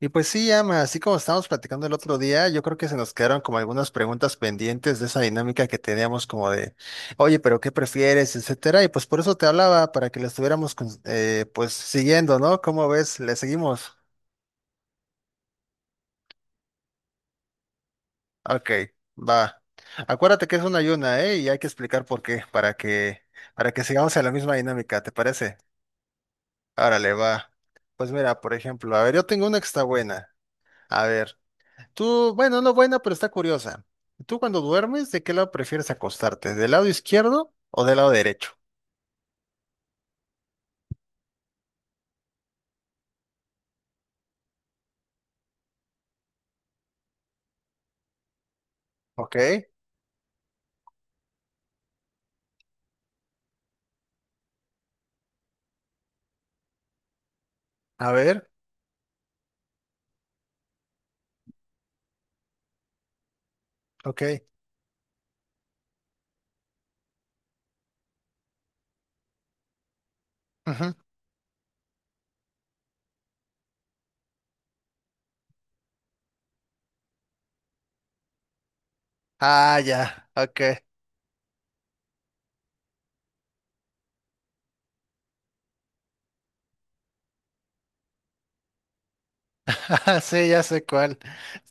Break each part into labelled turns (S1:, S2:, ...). S1: Y pues sí, Ama, así como estábamos platicando el otro día, yo creo que se nos quedaron como algunas preguntas pendientes de esa dinámica que teníamos como de, oye, pero ¿qué prefieres? Etcétera. Y pues por eso te hablaba, para que la estuviéramos pues siguiendo, ¿no? ¿Cómo ves? ¿Le seguimos? Ok, va. Acuérdate que es una ayuna, ¿eh? Y hay que explicar por qué, para que sigamos en la misma dinámica, ¿te parece? Árale, va. Pues mira, por ejemplo, a ver, yo tengo una que está buena. A ver. Tú, bueno, no buena, pero está curiosa. ¿Tú cuando duermes, de qué lado prefieres acostarte? ¿Del lado izquierdo o del lado derecho? Ok, a ver, ok. Ujú. Ah, ya, ok. Ah, sí, ya sé cuál.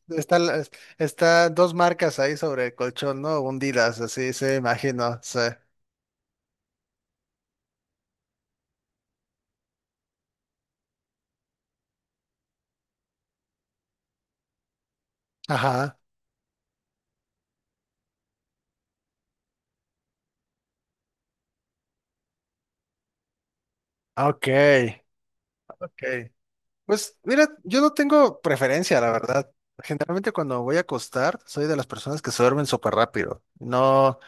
S1: Está, la- Está dos marcas ahí sobre el colchón, ¿no? Hundidas, así, se imagino, sí. Ajá, ok, ok. Pues mira, yo no tengo preferencia, la verdad. Generalmente cuando voy a acostar, soy de las personas que se duermen súper rápido. No.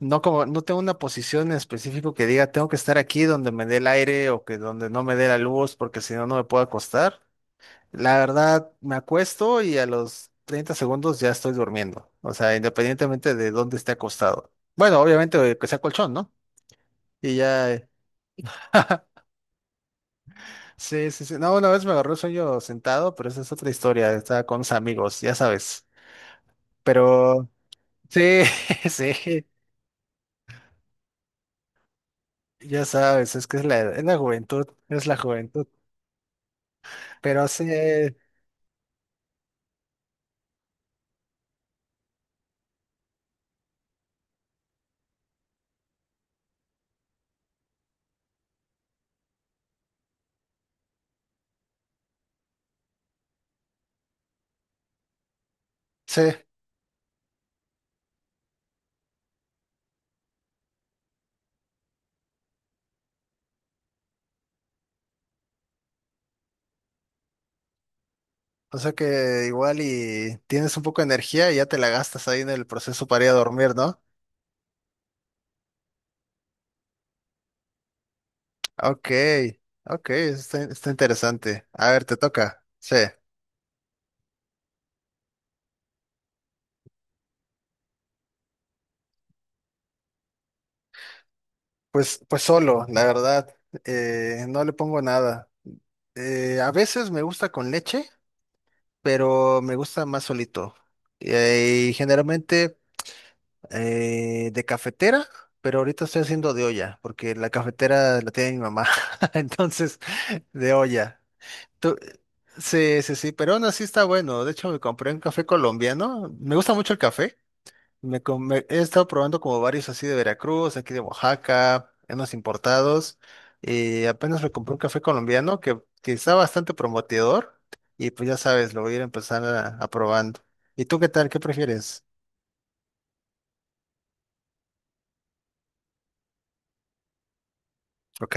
S1: No tengo una posición en específico que diga tengo que estar aquí donde me dé el aire o que donde no me dé la luz porque si no no me puedo acostar. La verdad, me acuesto y a los 30 segundos ya estoy durmiendo. O sea, independientemente de dónde esté acostado. Bueno, obviamente que sea colchón, ¿no? Y ya. Sí, sí, sí. No, una vez me agarró el sueño sentado, pero esa es otra historia. Estaba con unos amigos, ya sabes. Pero sí, sí, ya sabes, es que es la juventud, es la juventud. Pero sí. Sí, o sea que igual y tienes un poco de energía y ya te la gastas ahí en el proceso para ir a dormir, ¿no? Ok, ok, está interesante. A ver, te toca. Sí, pues solo, la verdad, no le pongo nada. A veces me gusta con leche, pero me gusta más solito. Y generalmente de cafetera, pero ahorita estoy haciendo de olla, porque la cafetera la tiene mi mamá, entonces de olla. Tú- Sí, sí, sí, pero aún así está bueno. De hecho, me compré un café colombiano. Me gusta mucho el café. He estado probando como varios así de Veracruz, aquí de Oaxaca, unos importados. Y apenas me compré un café colombiano que está bastante prometedor. Y pues ya sabes, lo voy a ir a empezar a probando. ¿Y tú qué tal? ¿Qué prefieres? ¿Ok?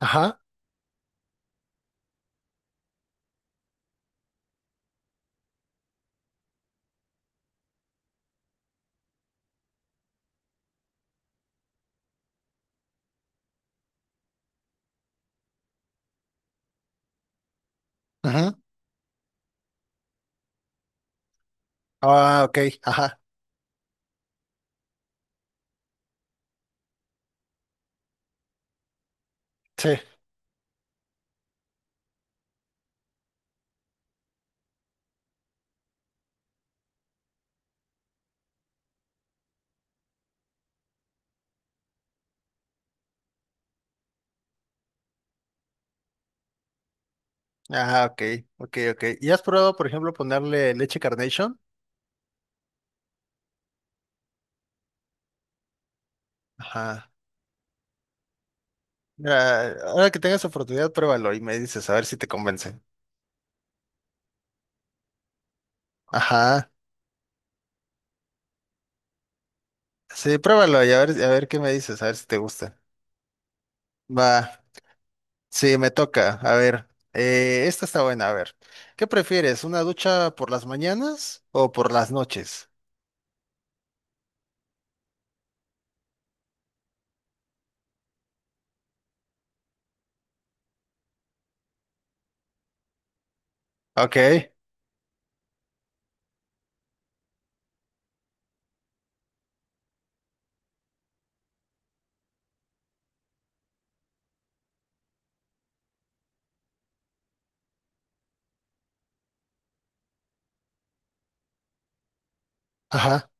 S1: Ajá. Ajá. Ah, ok. Ajá. Sí. Ah, ok. Ok, ok. ¿Y has probado, por ejemplo, ponerle leche Carnation? Ajá. Mira, ahora que tengas oportunidad, pruébalo y me dices, a ver si te convence. Ajá. Sí, pruébalo y a ver qué me dices, a ver si te gusta. Va. Sí, me toca. A ver. Esta está buena, a ver. ¿Qué prefieres? ¿Una ducha por las mañanas o por las noches? Ok. Ajá.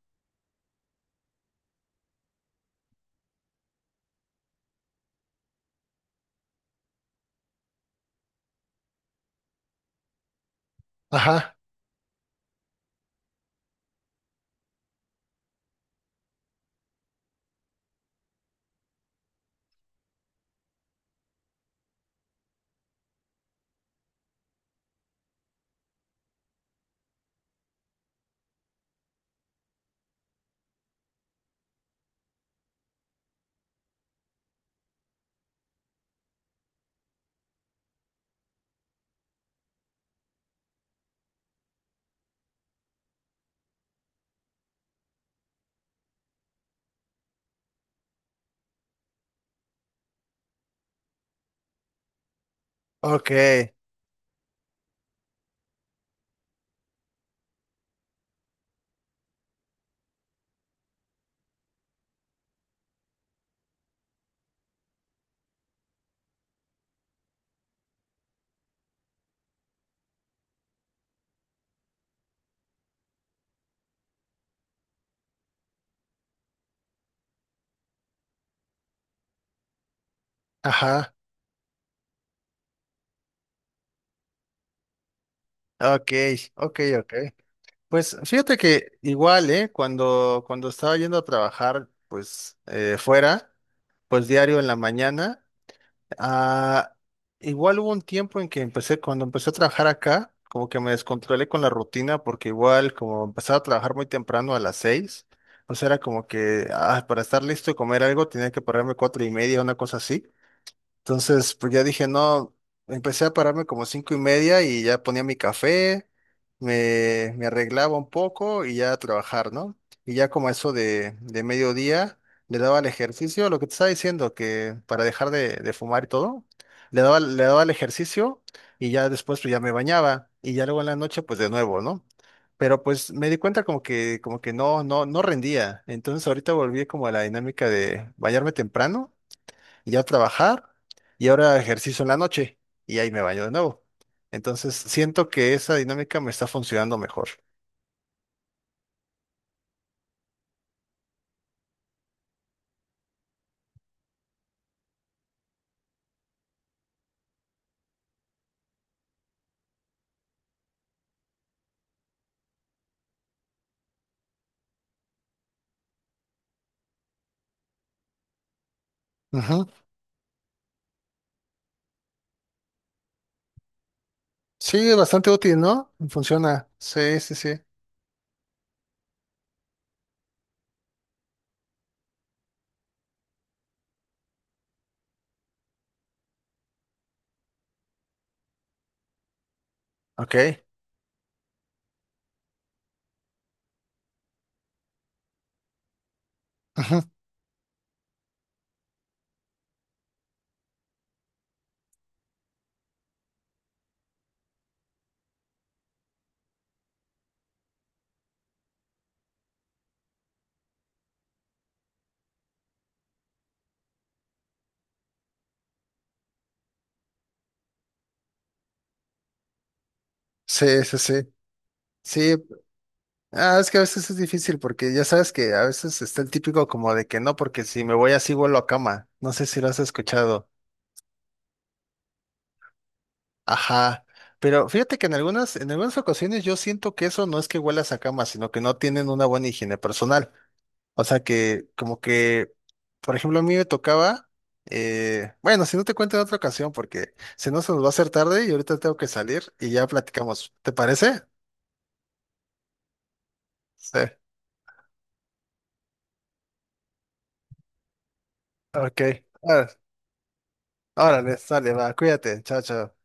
S1: Ajá. Ok. Ajá. Ok. Ok, ok. Pues fíjate que igual, ¿eh? Cuando estaba yendo a trabajar, pues fuera, pues diario en la mañana. Ah, igual hubo un tiempo en que empecé, cuando empecé a trabajar acá, como que me descontrolé con la rutina, porque igual como empezaba a trabajar muy temprano a las 6, o sea, era como que para estar listo y comer algo tenía que pararme 4:30, una cosa así. Entonces, pues ya dije, no, empecé a pararme como 5:30 y ya ponía mi café, me arreglaba un poco y ya a trabajar, ¿no? Y ya como eso de mediodía, le daba al ejercicio, lo que te estaba diciendo, que para dejar de fumar y todo, le daba al ejercicio y ya después pues ya me bañaba y ya luego en la noche pues de nuevo, ¿no? Pero pues me di cuenta como que no, no, no rendía. Entonces ahorita volví como a la dinámica de bañarme temprano y ya trabajar y ahora ejercicio en la noche y ahí me baño de nuevo. Entonces siento que esa dinámica me está funcionando mejor. Ujú. Sí, es bastante útil, ¿no? Funciona. Sí, sí, sí. Ok. Ujú. Sí, sí, sí. Sí, es que a veces es difícil porque ya sabes que a veces está el típico como de que no, porque si me voy así vuelo a cama. No sé si lo has escuchado. Ajá. Pero fíjate que en algunas ocasiones yo siento que eso no es que huelas a cama, sino que no tienen una buena higiene personal. O sea que, como que, por ejemplo, a mí me tocaba, bueno, si no te cuento en otra ocasión, porque si no se nos va a hacer tarde y ahorita tengo que salir y ya platicamos. ¿Te parece? Sí. Ok. Ah, Órale, sale, va, cuídate, chao, chao.